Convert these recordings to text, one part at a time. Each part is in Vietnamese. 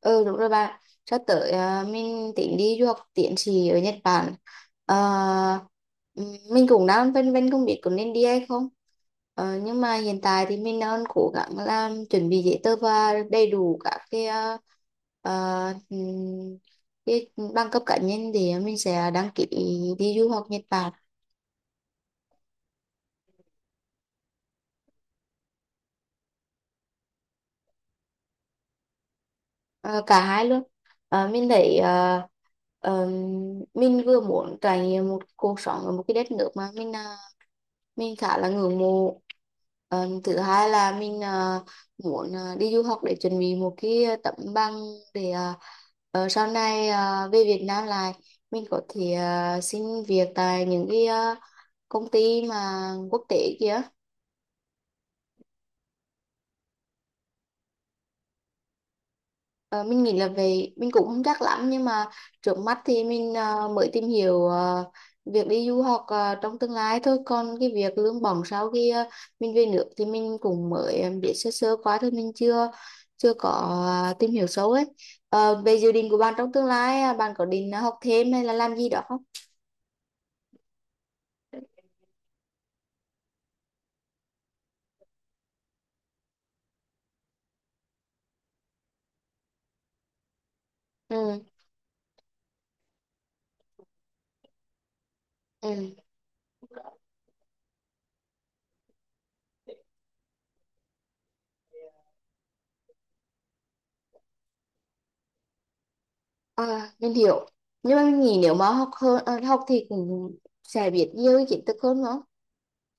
Ừ đúng rồi bạn. Sắp tới mình tính đi du học tiến sĩ ở Nhật Bản. Ờ, ừm, mình cũng đang phân vân không biết có nên đi hay không. Nhưng mà hiện tại thì mình đang cố gắng làm chuẩn bị giấy tờ và đầy đủ các ờ, ừm, cái bằng cấp cá nhân thì mình sẽ đăng ký đi du học Nhật Bản. Ờ, Cả hai luôn. Mình thấy ờm, mình vừa muốn trải nghiệm một cuộc sống ở một cái đất nước mà mình khá là ngưỡng mộ. Thứ hai là muốn đi du học để chuẩn bị một cái tấm bằng để sau này về Việt Nam lại mình có thể xin việc tại những cái công ty mà quốc tế kia. Ờ, mình nghĩ là về mình cũng không chắc lắm nhưng mà trước mắt thì mới tìm hiểu việc đi du học trong tương lai thôi, còn cái việc lương bổng sau khi mình về nước thì mình cũng mới biết sơ sơ quá thôi, mình chưa chưa có tìm hiểu sâu ấy. Về dự định của bạn trong tương lai bạn có định học thêm hay là làm gì đó không? Ừ. Ừ. Ờ, mình hiểu, nhưng mà mình nghĩ nếu mà học hơn học thì cũng sẽ biết nhiều kiến thức hơn nữa.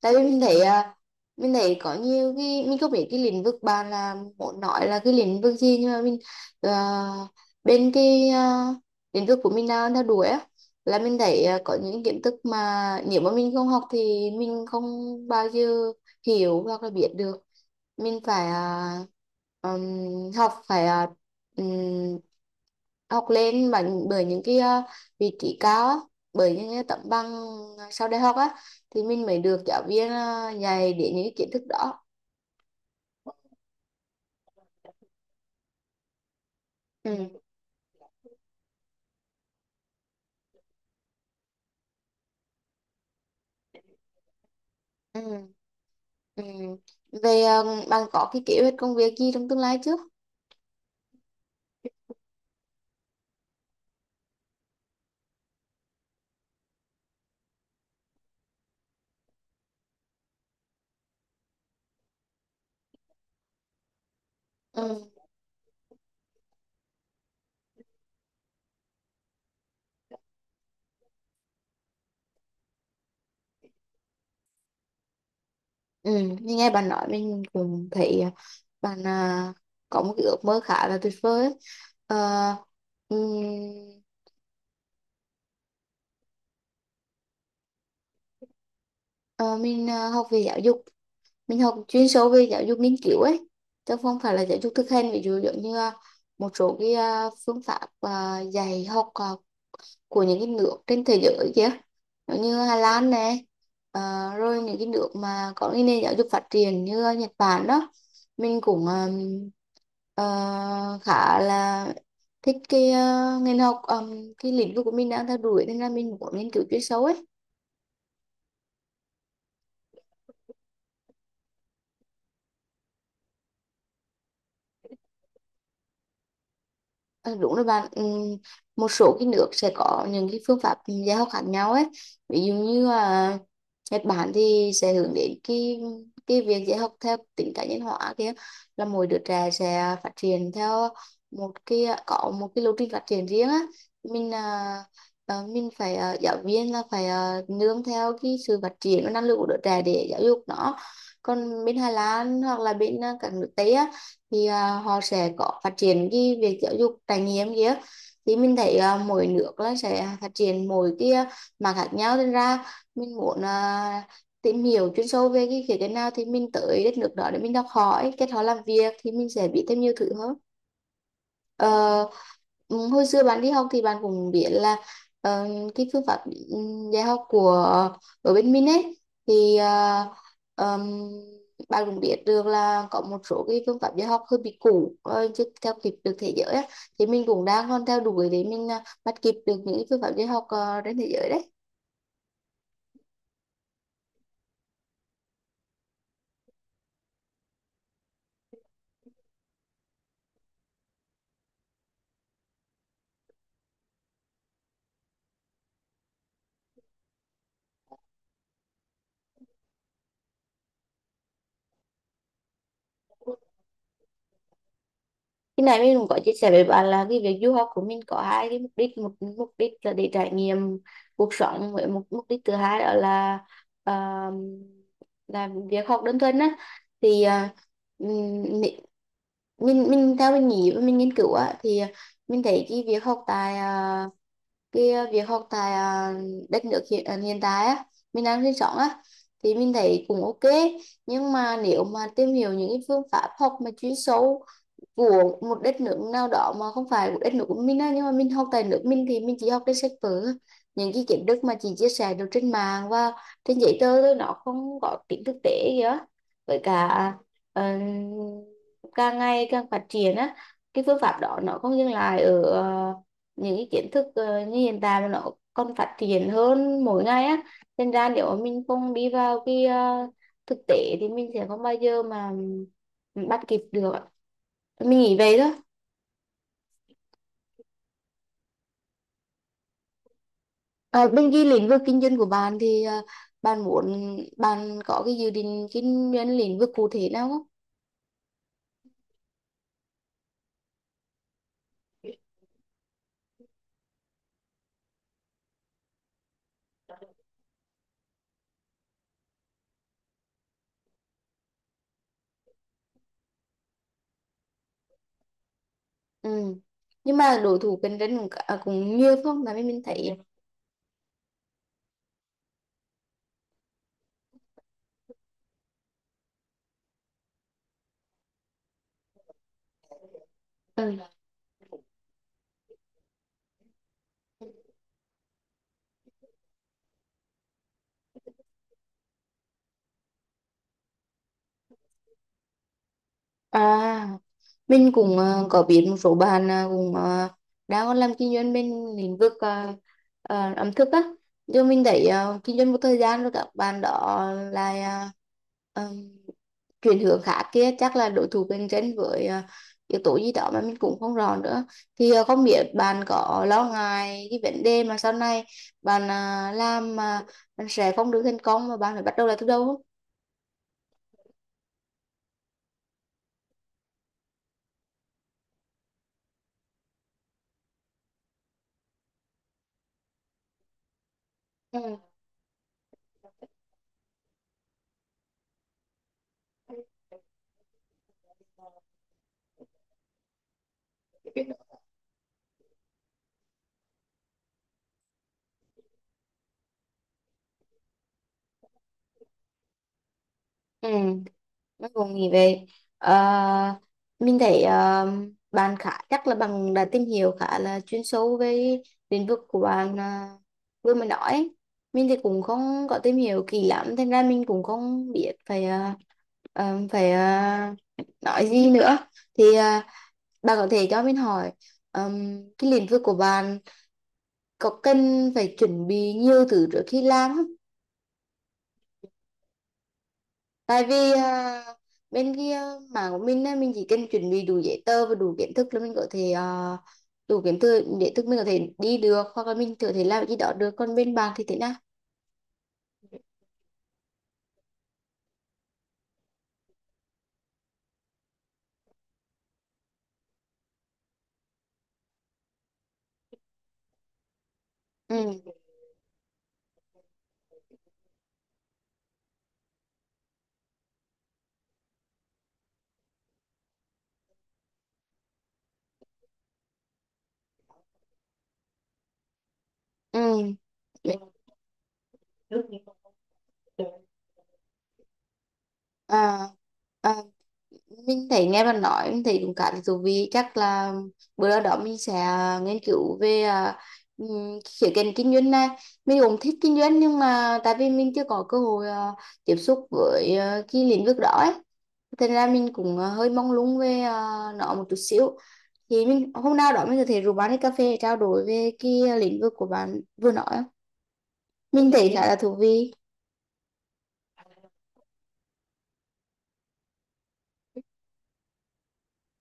Tại vì mình thấy có nhiều cái mình không biết, cái lĩnh vực bạn là muốn nói là cái lĩnh vực gì nhưng mà à, bên lĩnh vực của mình đang theo đuổi á là mình thấy có những kiến thức mà nếu mà mình không học thì mình không bao giờ hiểu hoặc là biết được. Mình phải học, phải ừm, học lên bằng, bởi những cái vị trí cao á, bởi những cái tấm bằng sau đại học á thì mình mới được giáo viên dạy đến những cái kiến thức đó. Ừ. Ừ. Ừ. Về bạn có cái kế hoạch công việc gì trong tương lai chứ? Ừ. Ừ. Như nghe bạn nói mình cũng thấy bạn có một cái ước mơ khá là tuyệt vời ấy. Ờ, ừm, Ờ, mình học về giáo dục, mình học chuyên sâu về giáo dục nghiên cứu ấy, chứ không phải là giáo dục thực hành. Ví dụ giống như một số cái phương pháp dạy học của những cái nước trên thế giới kia, giống như Hà Lan này, ờ, rồi những cái nước mà có cái nền giáo dục phát triển như Nhật Bản đó, mình cũng ờ, khá là thích cái ngành học, cái lĩnh vực của mình đang theo đuổi, nên là mình muốn nghiên cứu chuyên sâu ấy. Ờ, đúng rồi bạn. Ừ, một số cái nước sẽ có những cái phương pháp dạy học khác nhau ấy. Ví dụ như là Nhật Bản thì sẽ hướng đến cái việc dạy học theo tính cá nhân hóa kia, là mỗi đứa trẻ sẽ phát triển theo một cái có một cái lộ trình phát triển riêng á. Mình à, ờ, mình phải giáo viên là phải nương theo cái sự phát triển và năng lực của đứa trẻ để giáo dục nó. Còn bên Hà Lan hoặc là bên các nước Tây á thì họ sẽ có phát triển cái việc giáo dục trải nghiệm kia. Thì mình thấy mỗi nước là sẽ phát triển mỗi cái mặt khác nhau, nên ra mình muốn tìm hiểu chuyên sâu về cái khía cạnh nào thì mình tới đất nước đó để mình học hỏi, kết họ làm việc thì mình sẽ biết thêm nhiều thứ hơn. Ờ, ừ, Hồi xưa bạn đi học thì bạn cũng biết là ờ, cái phương pháp ừ, dạy học của ở bên mình ấy thì ờm, bạn cũng biết được là có một số cái phương pháp dạy học hơi bị cũ, chưa theo kịp được thế giới á, thì mình cũng đang còn theo đuổi để bắt kịp được những cái phương pháp dạy học trên thế giới đấy. Khi nãy mình cũng có chia sẻ với bạn là cái việc du học của mình có hai cái mục đích. Một mục đích là để trải nghiệm cuộc sống, với một mục đích thứ hai đó uh, là việc học đơn thuần á. Thì ừm, mi- mình theo mình nghĩ và mình nghiên cứu á thì mình thấy cái việc học tại đất nước hiện tại á, mình đang sinh sống á, thì mình thấy cũng ok. Nhưng mà nếu mà tìm hiểu những cái phương pháp học mà chuyên sâu của một đất nước nào đó mà không phải của đất nước của mình á, nhưng mà mình học tại nước mình thì mình chỉ học trên sách vở, những cái kiến thức mà chị chia sẻ được trên mạng và trên giấy tờ thôi, nó không có tính thực tế kìa. Với cả ờ, càng ngày càng phát triển á, cái phương pháp đó nó không dừng lại ở những cái kiến thức như hiện tại, mà nó còn phát triển hơn mỗi ngày á, nên ra nếu mà mình không đi vào cái thực tế thì mình sẽ không bao giờ mà bắt kịp được ạ. Mình nghĩ vậy đó. Bên cái lĩnh vực kinh doanh của bạn thì bạn muốn, bạn có cái dự định kinh doanh lĩnh vực cụ thể nào không? Ừ. Nhưng mà đối thủ cạnh tranh cũng nhiều phải không mà mình thấy? Ừ. à mình cũng có biết một số bạn cũng đang làm kinh doanh bên lĩnh vực ẩm thực á, nhưng mình thấy kinh doanh một thời gian rồi các bạn đó là chuyển hướng khác kia, chắc là đối thủ cạnh tranh với yếu tố gì đó mà mình cũng không rõ nữa. Thì không biết bạn có lo ngại cái vấn đề mà sau này làm mà bạn sẽ không được thành công mà bạn phải bắt đầu lại từ đầu không? Ừ. Ừ. Bác cùng nghĩ về. Ờ, mình thấy bạn khá chắc là bạn đã tìm hiểu khá là chuyên sâu về lĩnh vực của bạn vừa mới nói ấy. Mình thì cũng không có tìm hiểu kỹ lắm, thành ra mình cũng không biết phải ờ, phải ờ, nói gì nữa. Thì bạn có thể cho mình hỏi cái lĩnh vực của bạn có cần phải chuẩn bị nhiều thứ trước khi làm không? Tại vì bên kia mảng của mình á, mình chỉ cần chuẩn bị đủ giấy tờ và đủ kiến thức là mình có thể đủ kiến thức để thức mình có thể đi được, hoặc là mình có thể làm gì đó được, còn bên bạn thì thế nào? Ừ. Ừ. à, à, mình thấy nghe bạn nói mình thấy cũng khá là thú vị. Chắc là bữa nào đó mình sẽ nghiên cứu về khía cạnh kinh doanh này. Mình cũng thích kinh doanh nhưng mà tại vì mình chưa có cơ hội tiếp xúc với cái lĩnh vực đó ấy. Thế nên là mình cũng hơi mong lung về nó một chút xíu. Thì mình hôm nào đó mình có thể rủ bạn đi cà phê để trao đổi về cái lĩnh vực của bạn vừa nói á. Mình thấy khá là thú vị.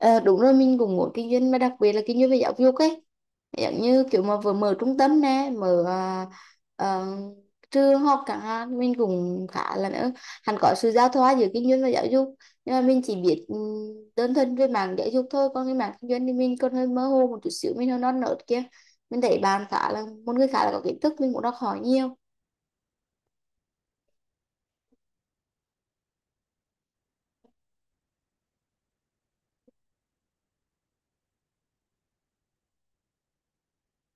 Ờ, đúng rồi, mình cũng muốn kinh doanh, mà đặc biệt là kinh doanh về giáo dục ấy, giống như kiểu mà vừa mở trung tâm nè, mở ờ, trường học chẳng hạn. Mình cũng khá là nữa, hẳn có sự giao thoa giữa kinh doanh và giáo dục, nhưng mà mình chỉ biết đơn thuần về mảng giáo dục thôi, còn cái mảng kinh doanh thì mình còn hơi mơ hồ một chút xíu, mình hơi non nớt kia. Mình thấy bạn khá là một người khá là có kiến thức, mình cũng đọc hỏi nhiều.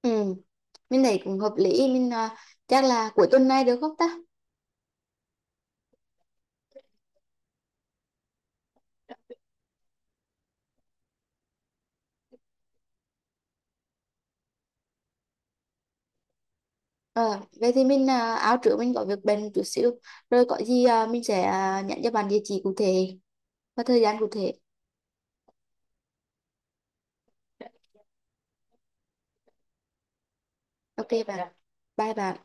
Ừ, mình thấy cũng hợp lý. Mình chắc là cuối tuần này được không ta? Ờ, Vậy thì mình áo trước, mình có việc bận một chút xíu, rồi có gì mình sẽ nhắn cho bạn địa chỉ cụ thể và thời gian cụ thể. Ok bạn, bye bạn.